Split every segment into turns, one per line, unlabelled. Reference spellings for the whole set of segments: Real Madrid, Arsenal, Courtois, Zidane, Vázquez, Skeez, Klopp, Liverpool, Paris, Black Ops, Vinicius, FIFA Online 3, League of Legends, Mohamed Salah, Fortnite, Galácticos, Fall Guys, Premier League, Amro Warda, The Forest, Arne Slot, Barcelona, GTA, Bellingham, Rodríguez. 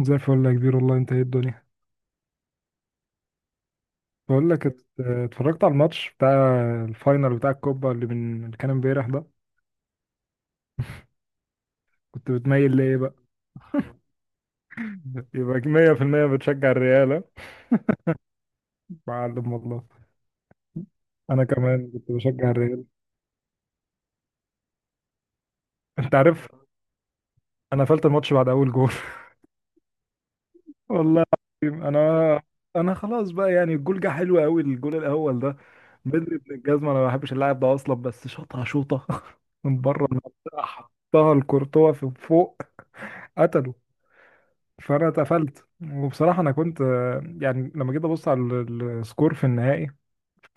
زي الفل يا كبير، والله انت ايه الدنيا؟ بقول لك اتفرجت على الماتش بتاع الفاينل بتاع الكوبا اللي من اللي كان امبارح ده. كنت بتميل ليه بقى؟ يبقى 100% بتشجع الريال، ها؟ معلم والله. انا كمان كنت بشجع الريال، انت عارف. انا قفلت الماتش بعد اول جول. والله العظيم، انا خلاص بقى، يعني الجول جه حلو قوي، الجول الاول ده. بدري ابن الجزمه، انا ما بحبش اللاعب ده اصلا، بس شاطها شوطه من بره المنطقه حطها لكورتوا في فوق، قتله. فانا اتقفلت. وبصراحه انا كنت يعني لما جيت ابص على السكور في النهائي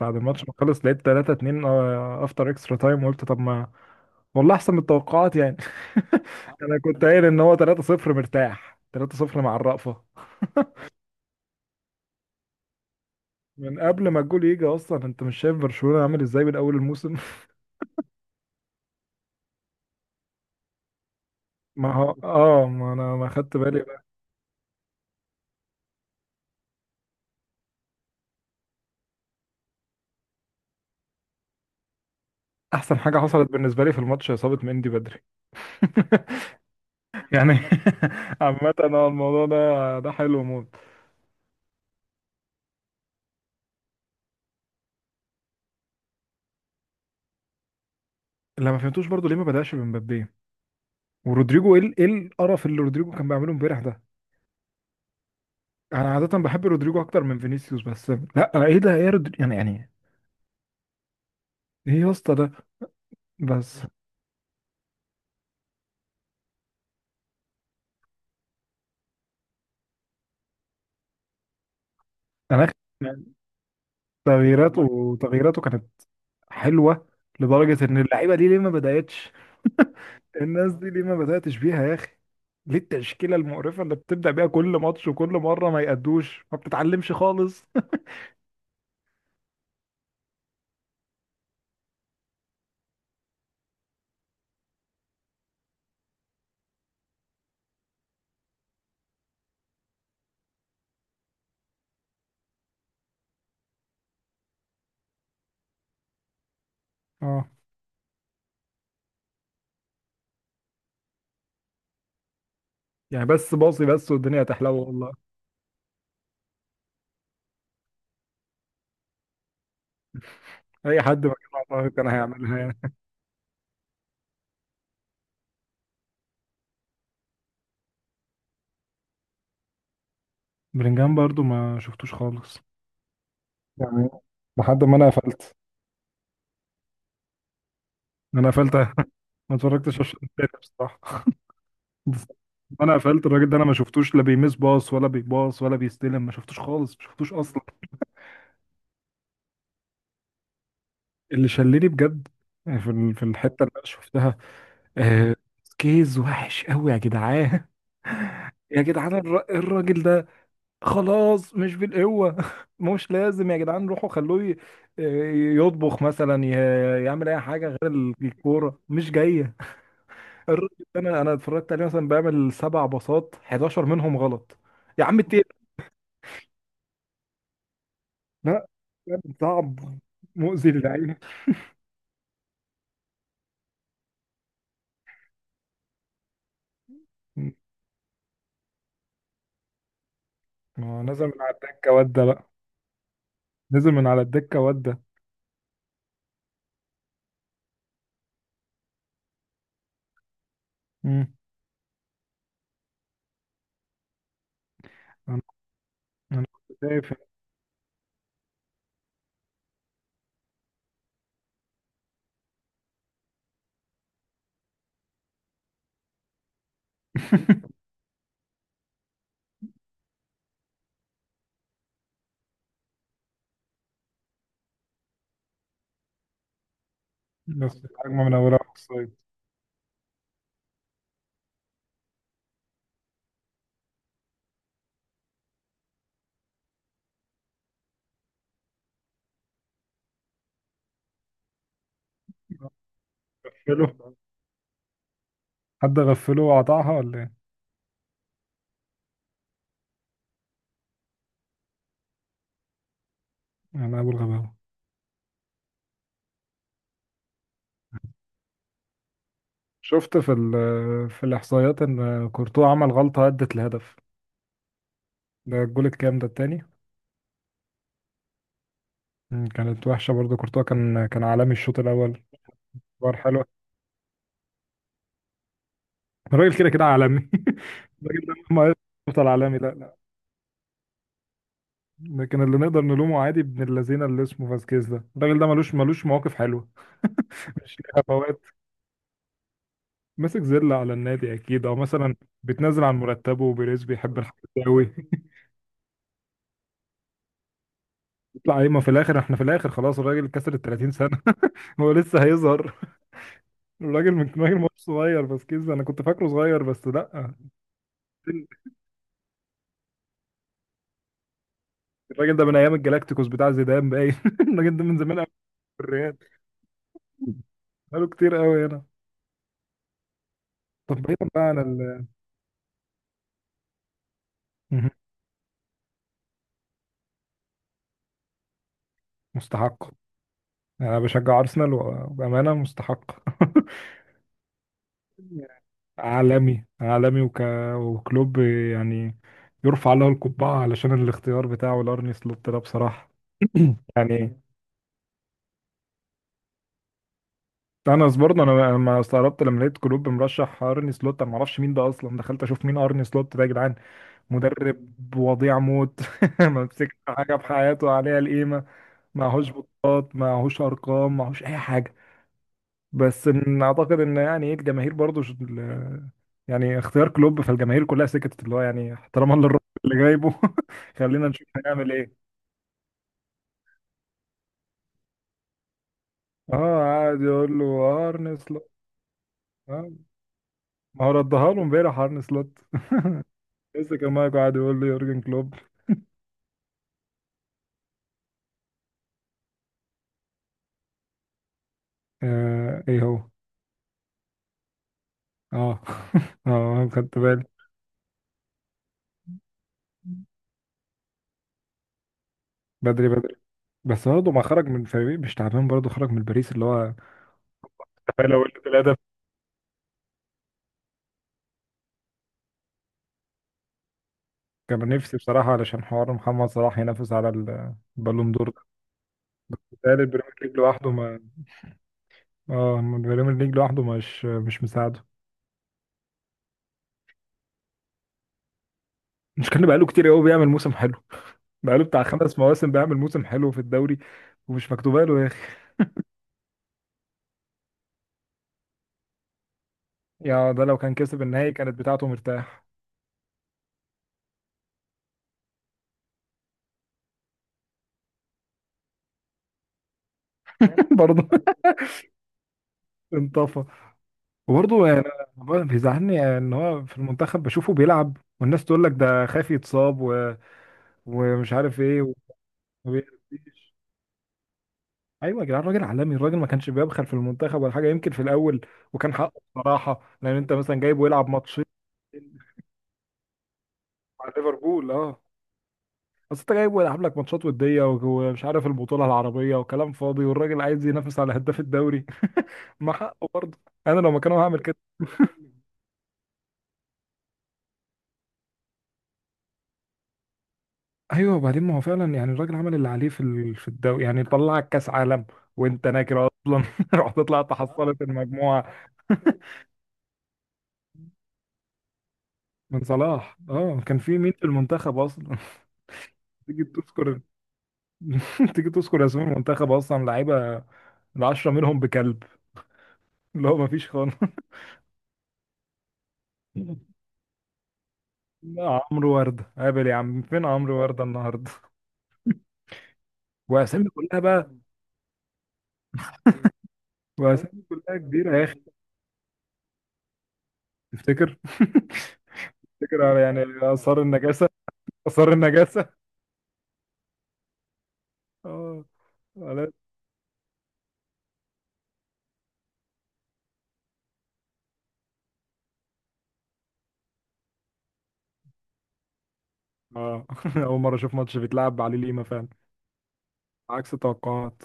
بعد الماتش ما خلص، لقيت 3-2 افتر اكسترا تايم، وقلت طب ما والله احسن من التوقعات يعني. انا كنت قايل ان هو 3-0 مرتاح، 3-0 مع الرأفة، من قبل ما الجول يجي اصلا. انت مش شايف برشلونة عامل ازاي من اول الموسم؟ ما هو ما انا ما خدت بالي بقى. احسن حاجة حصلت بالنسبة لي في الماتش اصابة مندي بدري يعني عامة، هو الموضوع ده حلو موت. اللي ما فهمتوش برضو ليه ما بدأش بمبابي ورودريجو. ايه ايه القرف اللي رودريجو كان بيعمله امبارح ده؟ انا عادة بحب رودريجو اكتر من فينيسيوس، بس لا، ايه ده، ايه رودريجو يعني. ايه يا اسطى ده. بس انا آخر- يعني تغييراته كانت حلوة، لدرجة ان اللعيبة دي ليه ما بدأتش. الناس دي ليه ما بدأتش بيها يا اخي؟ ليه التشكيلة المقرفة اللي بتبدأ بيها كل ماتش، وكل مرة ما يأدوش، ما بتتعلمش خالص اه، يعني بس باصي بس والدنيا هتحلو والله. اي حد مكان عطاها كان هيعملها يعني. بلينجهام برضو ما شفتوش خالص، يعني لحد ما انا قفلت. انا قفلت ما اتفرجتش على الشوط التاني بصراحه انا قفلت الراجل ده، انا ما شفتوش لا بيمس باص ولا بيباص ولا بيستلم، ما شفتوش خالص، ما شفتوش اصلا. اللي شلني بجد في في الحته اللي انا شفتها، آه، سكيز وحش قوي يا جدعان. يا جدعان الراجل ده خلاص، مش بالقوه مش لازم يا جدعان، روحوا خلوه آه، يطبخ مثلا، يعمل اي حاجه غير الكوره مش جايه. الراجل ده انا اتفرجت عليه مثلا بيعمل سبع باصات، 11 منهم غلط. يا عم التيل، لا كان صعب، مؤذي للعين. ما هو نزل من على الدكه وده بقى، نزل من على الدكه وده. امم انا انا كنت شايف بس الهجمه منوره في الصيد. غفله، حد غفله وقطعها ولا ايه؟ انا ابو الغباوه. شفت في في الاحصائيات ان كورتوا عمل غلطه ادت لهدف. ده الجول الكام، ده التاني؟ كانت وحشه برضه. كورتوا كان عالمي الشوط الاول، بار حلو. الراجل كده كده عالمي. الراجل ده مهما، يفضل عالمي، لا لا. لكن اللي نقدر نلومه عادي ابن اللذينه اللي اسمه فاسكيز ده، الراجل ده ملوش مواقف حلوه مش ليها فوات، ماسك زله على النادي اكيد، او مثلا بتنزل عن مرتبه وبيريز بيحب الحاجات دي قوي يطلع ايه، ما في الاخر احنا، في الاخر خلاص الراجل كسر ال 30 سنه هو لسه هيظهر؟ الراجل من راجل مش صغير فاسكيز ده، انا كنت فاكره صغير بس لا. الراجل ده من ايام الجلاكتيكوس بتاع زيدان باين الراجل ده من زمان قوي في الريال، بقاله كتير قوي هنا. طب بعيدا بقى عن مهم. مستحق، يعني انا بشجع ارسنال وبامانه مستحق عالمي عالمي وكلوب يعني، يرفع له القبعه علشان الاختيار بتاعه لارني سلوت ده بصراحه. يعني انا برضه أنا ما استغربت لما لقيت كلوب مرشح ارني سلوت. انا ما اعرفش مين ده اصلا، دخلت اشوف مين ارني سلوت ده يا جدعان، مدرب وضيع موت ما مسكش حاجه في حياته عليها القيمه، معهوش بطولات، معهوش ارقام، معهوش اي حاجه. بس إن اعتقد ان يعني ايه الجماهير برضو يعني اختيار كلوب، فالجماهير كلها سكتت، اللي هو يعني احتراما للراجل اللي جايبه خلينا نشوف هيعمل ايه. اه، قاعد يقول له ارن سلوت، آه، ما هو ردها له امبارح ارن سلوت. لسه كان مايكو قاعد يقول له يورجن كلوب. آه، ايه هو؟ اه اه، خدت بالي. بدري بدري. بس برضه ما خرج من فريق مش تعبان، برضه خرج من باريس اللي هو تفاؤل اول ثلاثه. كان نفسي بصراحه علشان حوار محمد صلاح ينافس على البالون دور. قال البريمير ليج لوحده، ما اه البريمير ليج لوحده مش مساعده. مش كان بقاله كتير قوي بيعمل موسم حلو؟ بقاله بتاع 5 مواسم بيعمل موسم حلو في الدوري، ومش مكتوبه له يا اخي. يا ده، لو كان كسب النهائي كانت بتاعته مرتاح. برضه انطفى، وبرضه يعني أنا بيزعلني ان هو في المنتخب بشوفه بيلعب والناس تقول لك ده خايف يتصاب ومش عارف ايه وما بيأديش. ايوه يا جدعان، الراجل عالمي، الراجل ما كانش بيبخل في المنتخب ولا حاجه، يمكن في الاول. وكان حقه بصراحه، لان انت مثلا جايبه يلعب ماتش مع ليفربول. اه، اصل انت جايبه يلعب لك ماتشات وديه ومش عارف البطوله العربيه وكلام فاضي، والراجل عايز ينافس على هداف الدوري ما حقه برضه، انا لو مكانه هعمل كده. ايوه، وبعدين ما هو فعلا يعني الراجل عمل اللي عليه في في الدوري، يعني طلعك كاس عالم وانت ناكر اصلا رحت طلعت، حصلت المجموعه من صلاح. اه كان في مين في المنتخب اصلا؟ تيجي تذكر تيجي تذكر اسماء المنتخب، اصلا لعيبه العشرة منهم بكلب، اللي هو ما فيش خالص لا، عمرو وردة قابل يا عم، فين عمرو وردة النهارده؟ واسامي كلها بقى، واسامي كلها كبيرة يا اخي. تفتكر؟ تفتكر على يعني، آثار النجاسة، آثار النجاسة. اه خلاص. اه أول مرة أشوف ماتش بيتلعب عليه ليما فعلا، عكس توقعات.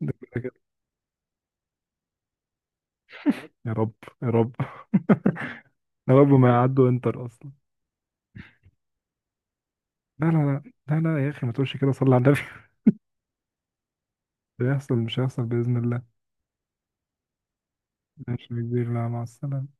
ده كده كده. يا رب، يا رب يا رب ما يعدوا انتر أصلا. لا لا لا لا لا، يا أخي ما تقولش كده، صلي على النبي مش هيحصل، مش هيحصل بإذن الله. ماشي يا كبير، لا، مع السلامة.